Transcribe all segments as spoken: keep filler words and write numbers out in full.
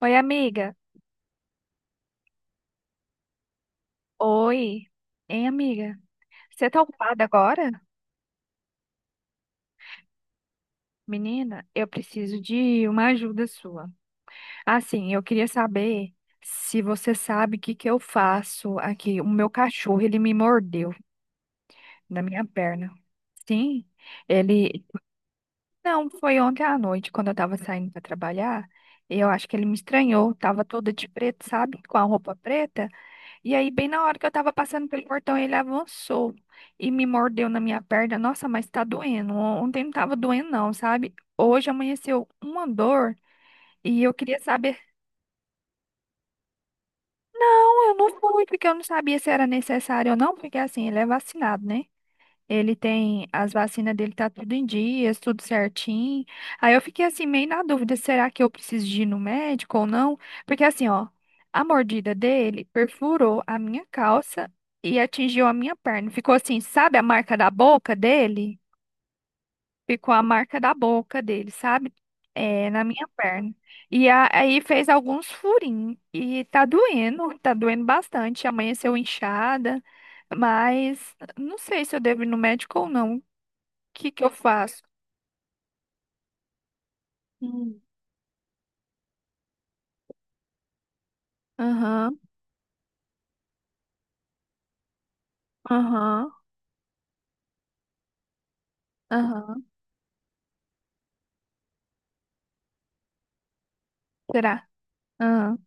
Oi, amiga. Oi. Hein, amiga? Você tá ocupada agora? Menina, eu preciso de uma ajuda sua. Assim, eu queria saber se você sabe o que que eu faço aqui. O meu cachorro, ele me mordeu na minha perna. Sim, ele. Não, foi ontem à noite, quando eu tava saindo para trabalhar. Eu acho que ele me estranhou. Tava toda de preto, sabe? Com a roupa preta. E aí, bem na hora que eu tava passando pelo portão, ele avançou e me mordeu na minha perna. Nossa, mas tá doendo. Ontem não tava doendo, não, sabe? Hoje amanheceu uma dor e eu queria saber. Não, eu não fui, porque eu não sabia se era necessário ou não, porque assim, ele é vacinado, né? Ele tem as vacinas dele, tá tudo em dias, tudo certinho. Aí eu fiquei assim, meio na dúvida, será que eu preciso de ir no médico ou não? Porque assim, ó, a mordida dele perfurou a minha calça e atingiu a minha perna. Ficou assim, sabe a marca da boca dele? Ficou a marca da boca dele, sabe? É, na minha perna. E a- aí fez alguns furinhos. E tá doendo, tá doendo bastante. Amanheceu inchada, mas não sei se eu devo ir no médico ou não, que que eu faço? Hum. Aham, aham, aham. Será? Aham,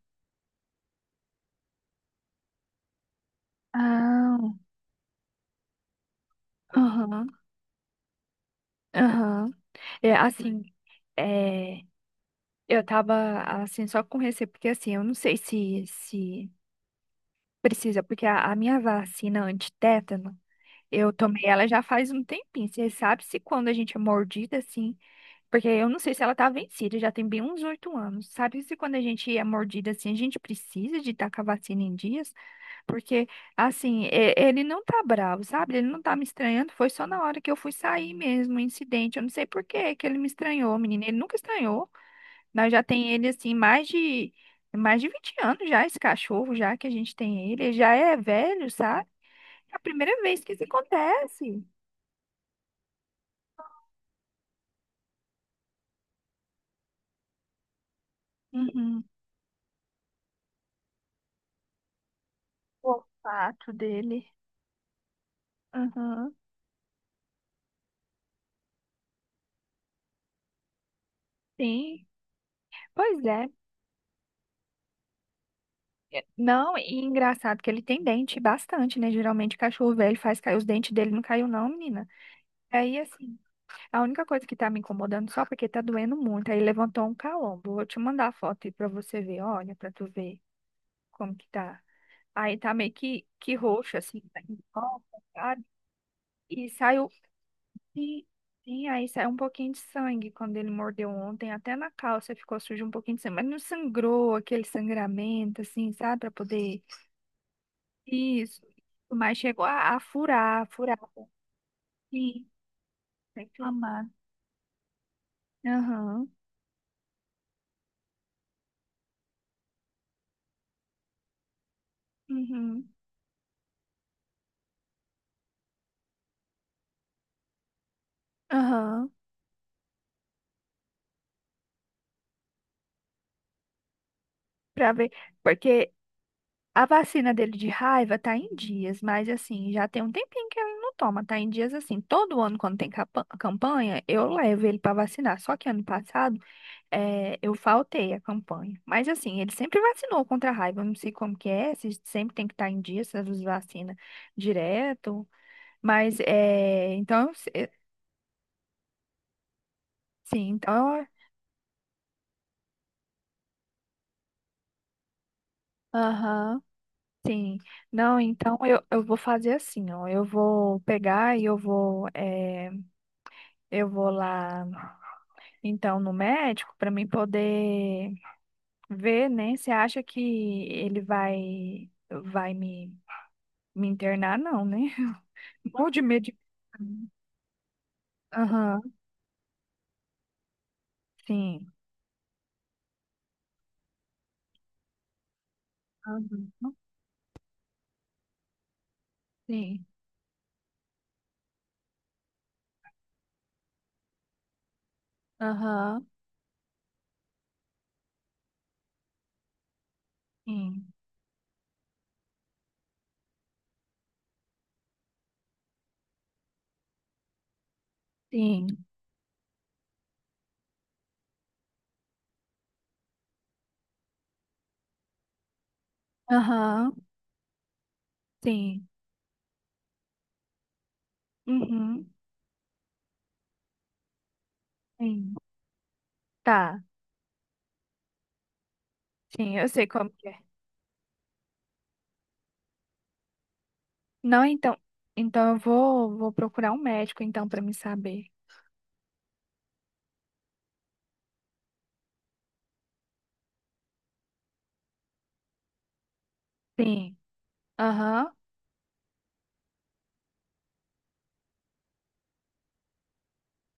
ah, aham, aham. É, assim, é, eu tava, assim, só com receio, porque, assim, eu não sei se, se precisa, porque a, a minha vacina antitétano, eu tomei ela já faz um tempinho. Você sabe se quando a gente é mordida, assim, porque eu não sei se ela tá vencida, já tem bem uns oito anos. Sabe se quando a gente é mordida, assim, a gente precisa de estar com a vacina em dias? Porque, assim, e- ele não tá bravo, sabe? Ele não tá me estranhando. Foi só na hora que eu fui sair mesmo, o incidente. Eu não sei por que que ele me estranhou, menina. Ele nunca estranhou. Nós já tem ele, assim, mais de, mais de vinte anos já, esse cachorro, já que a gente tem ele. Ele já é velho, sabe? É a primeira vez que isso acontece. Uhum. O olfato dele. Uhum. Sim. Pois é. É, não, e engraçado que ele tem dente bastante, né? Geralmente cachorro velho faz cair os dentes dele, não caiu não, menina. Aí assim, a única coisa que tá me incomodando só porque tá doendo muito, aí levantou um calombo. Vou te mandar a foto aí pra você ver, olha, pra tu ver como que tá. Aí tá meio que, que roxo, assim, tá em volta, sabe? E saiu, e, e aí saiu um pouquinho de sangue quando ele mordeu ontem, até na calça ficou sujo um pouquinho de sangue, mas não sangrou, aquele sangramento, assim, sabe, pra poder. Isso, mas chegou a, a furar, a furar, sim, tá inflamado. Aham, uhum, aham, pra ver. Porque a vacina dele de raiva tá em dias, mas assim, já tem um tempinho que ele não toma, tá em dias assim. Todo ano, quando tem capa- campanha, eu levo ele pra vacinar. Só que ano passado, eh, eu faltei a campanha. Mas assim, ele sempre vacinou contra a raiva. Eu não sei como que é, se sempre tem que estar em dias, se as vacina direto. Mas, é, então, eu se- eh, sim, então, eu. Aham. Sim, não, então eu, eu vou fazer assim, ó. Eu vou pegar e eu vou, eh, eu vou lá, então no médico para mim poder ver, né? Você acha que ele vai vai me, me internar? Não, né? Ou de medo de. Aham, sim. Aham, sim. Aham, sim. Sim. Aham, sim. Uhum, sim. Tá, sim, eu sei como que é. Não, então, então eu vou, vou procurar um médico então para me saber. Sim. Aham.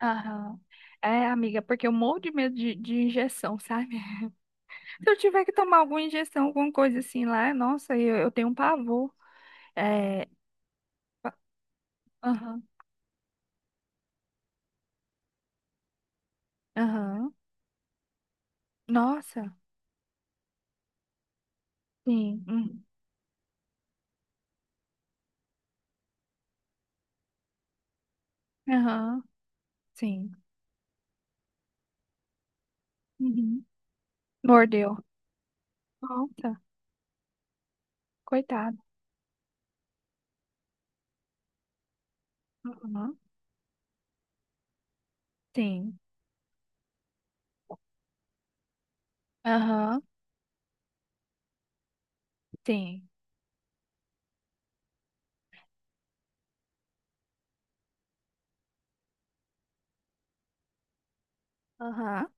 Aham. É, amiga, porque eu morro de medo de, de injeção, sabe? Se eu tiver que tomar alguma injeção, alguma coisa assim lá, nossa, eu, eu tenho um pavor. É. pa- Aham. Aham. Nossa. Sim. Hum, aham. Sim. Uhum. Mordeu. Nossa, coitado. Aham. Sim. Aham. Sim. Aham.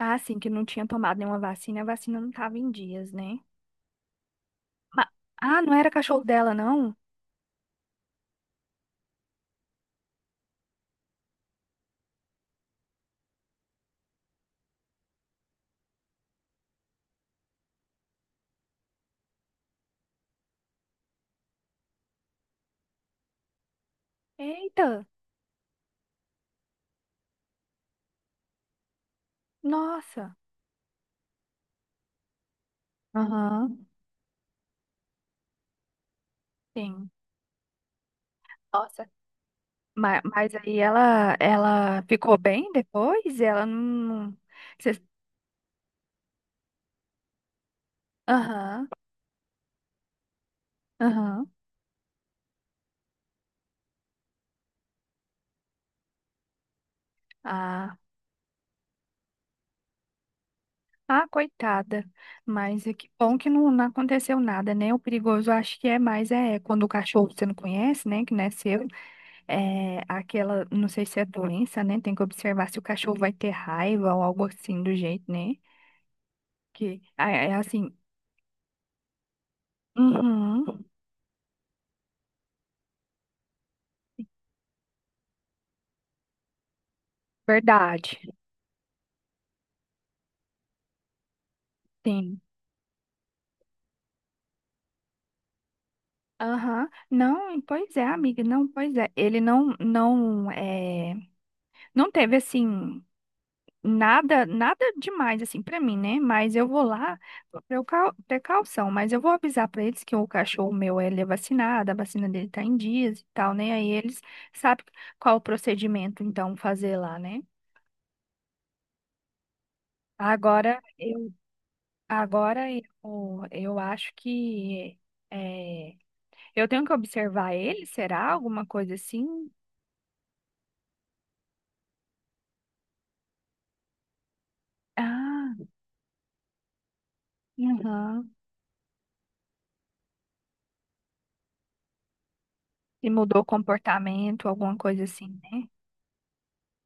Ah, sim, que não tinha tomado nenhuma vacina, a vacina não tava em dias, né? Ma- Ah, não era cachorro dela, não? Eita. Nossa. Aham. Sim. Nossa. Mas, mas aí ela, ela ficou bem depois? Ela não. Cês- Aham, aham. Ah, ah, coitada. Mas é que bom que não, não aconteceu nada, né? O perigoso acho que é mais é quando o cachorro que você não conhece, né? Que não é seu. É aquela, não sei se é doença, né? Tem que observar se o cachorro vai ter raiva ou algo assim do jeito, né? Que ah, é é assim. Uhum, verdade. Sim. Aham, não, pois é, amiga, não, pois é. Ele não, não, é, não teve assim nada, nada demais assim pra mim, né? Mas eu vou lá por precau- precaução, mas eu vou avisar pra eles que o cachorro meu ele é vacinado, a vacina dele tá em dias e tal, né? Aí eles sabem qual o procedimento então fazer lá, né? Agora eu, agora eu, eu acho que é, eu tenho que observar ele, será alguma coisa assim? Ah. Aham. E mudou o comportamento, alguma coisa assim, né?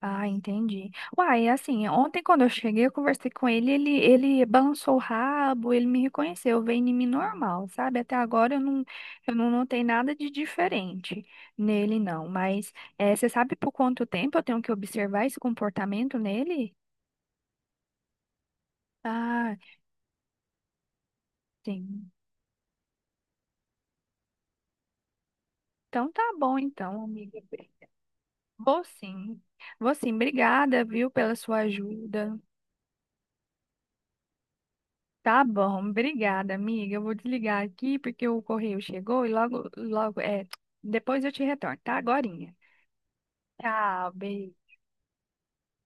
Ah, entendi. Uai, assim, ontem quando eu cheguei, eu conversei com ele, ele, ele balançou o rabo, ele me reconheceu, veio em mim normal, sabe? Até agora eu não, eu não notei nada de diferente nele, não. Mas eh, você sabe por quanto tempo eu tenho que observar esse comportamento nele? Ah, sim. Então tá bom, então, amiga. Vou sim. Vou sim, obrigada, viu, pela sua ajuda. Tá bom, obrigada, amiga. Eu vou desligar aqui porque o correio chegou e logo, logo, é, depois eu te retorno, tá? Agorinha. Tchau, beijo.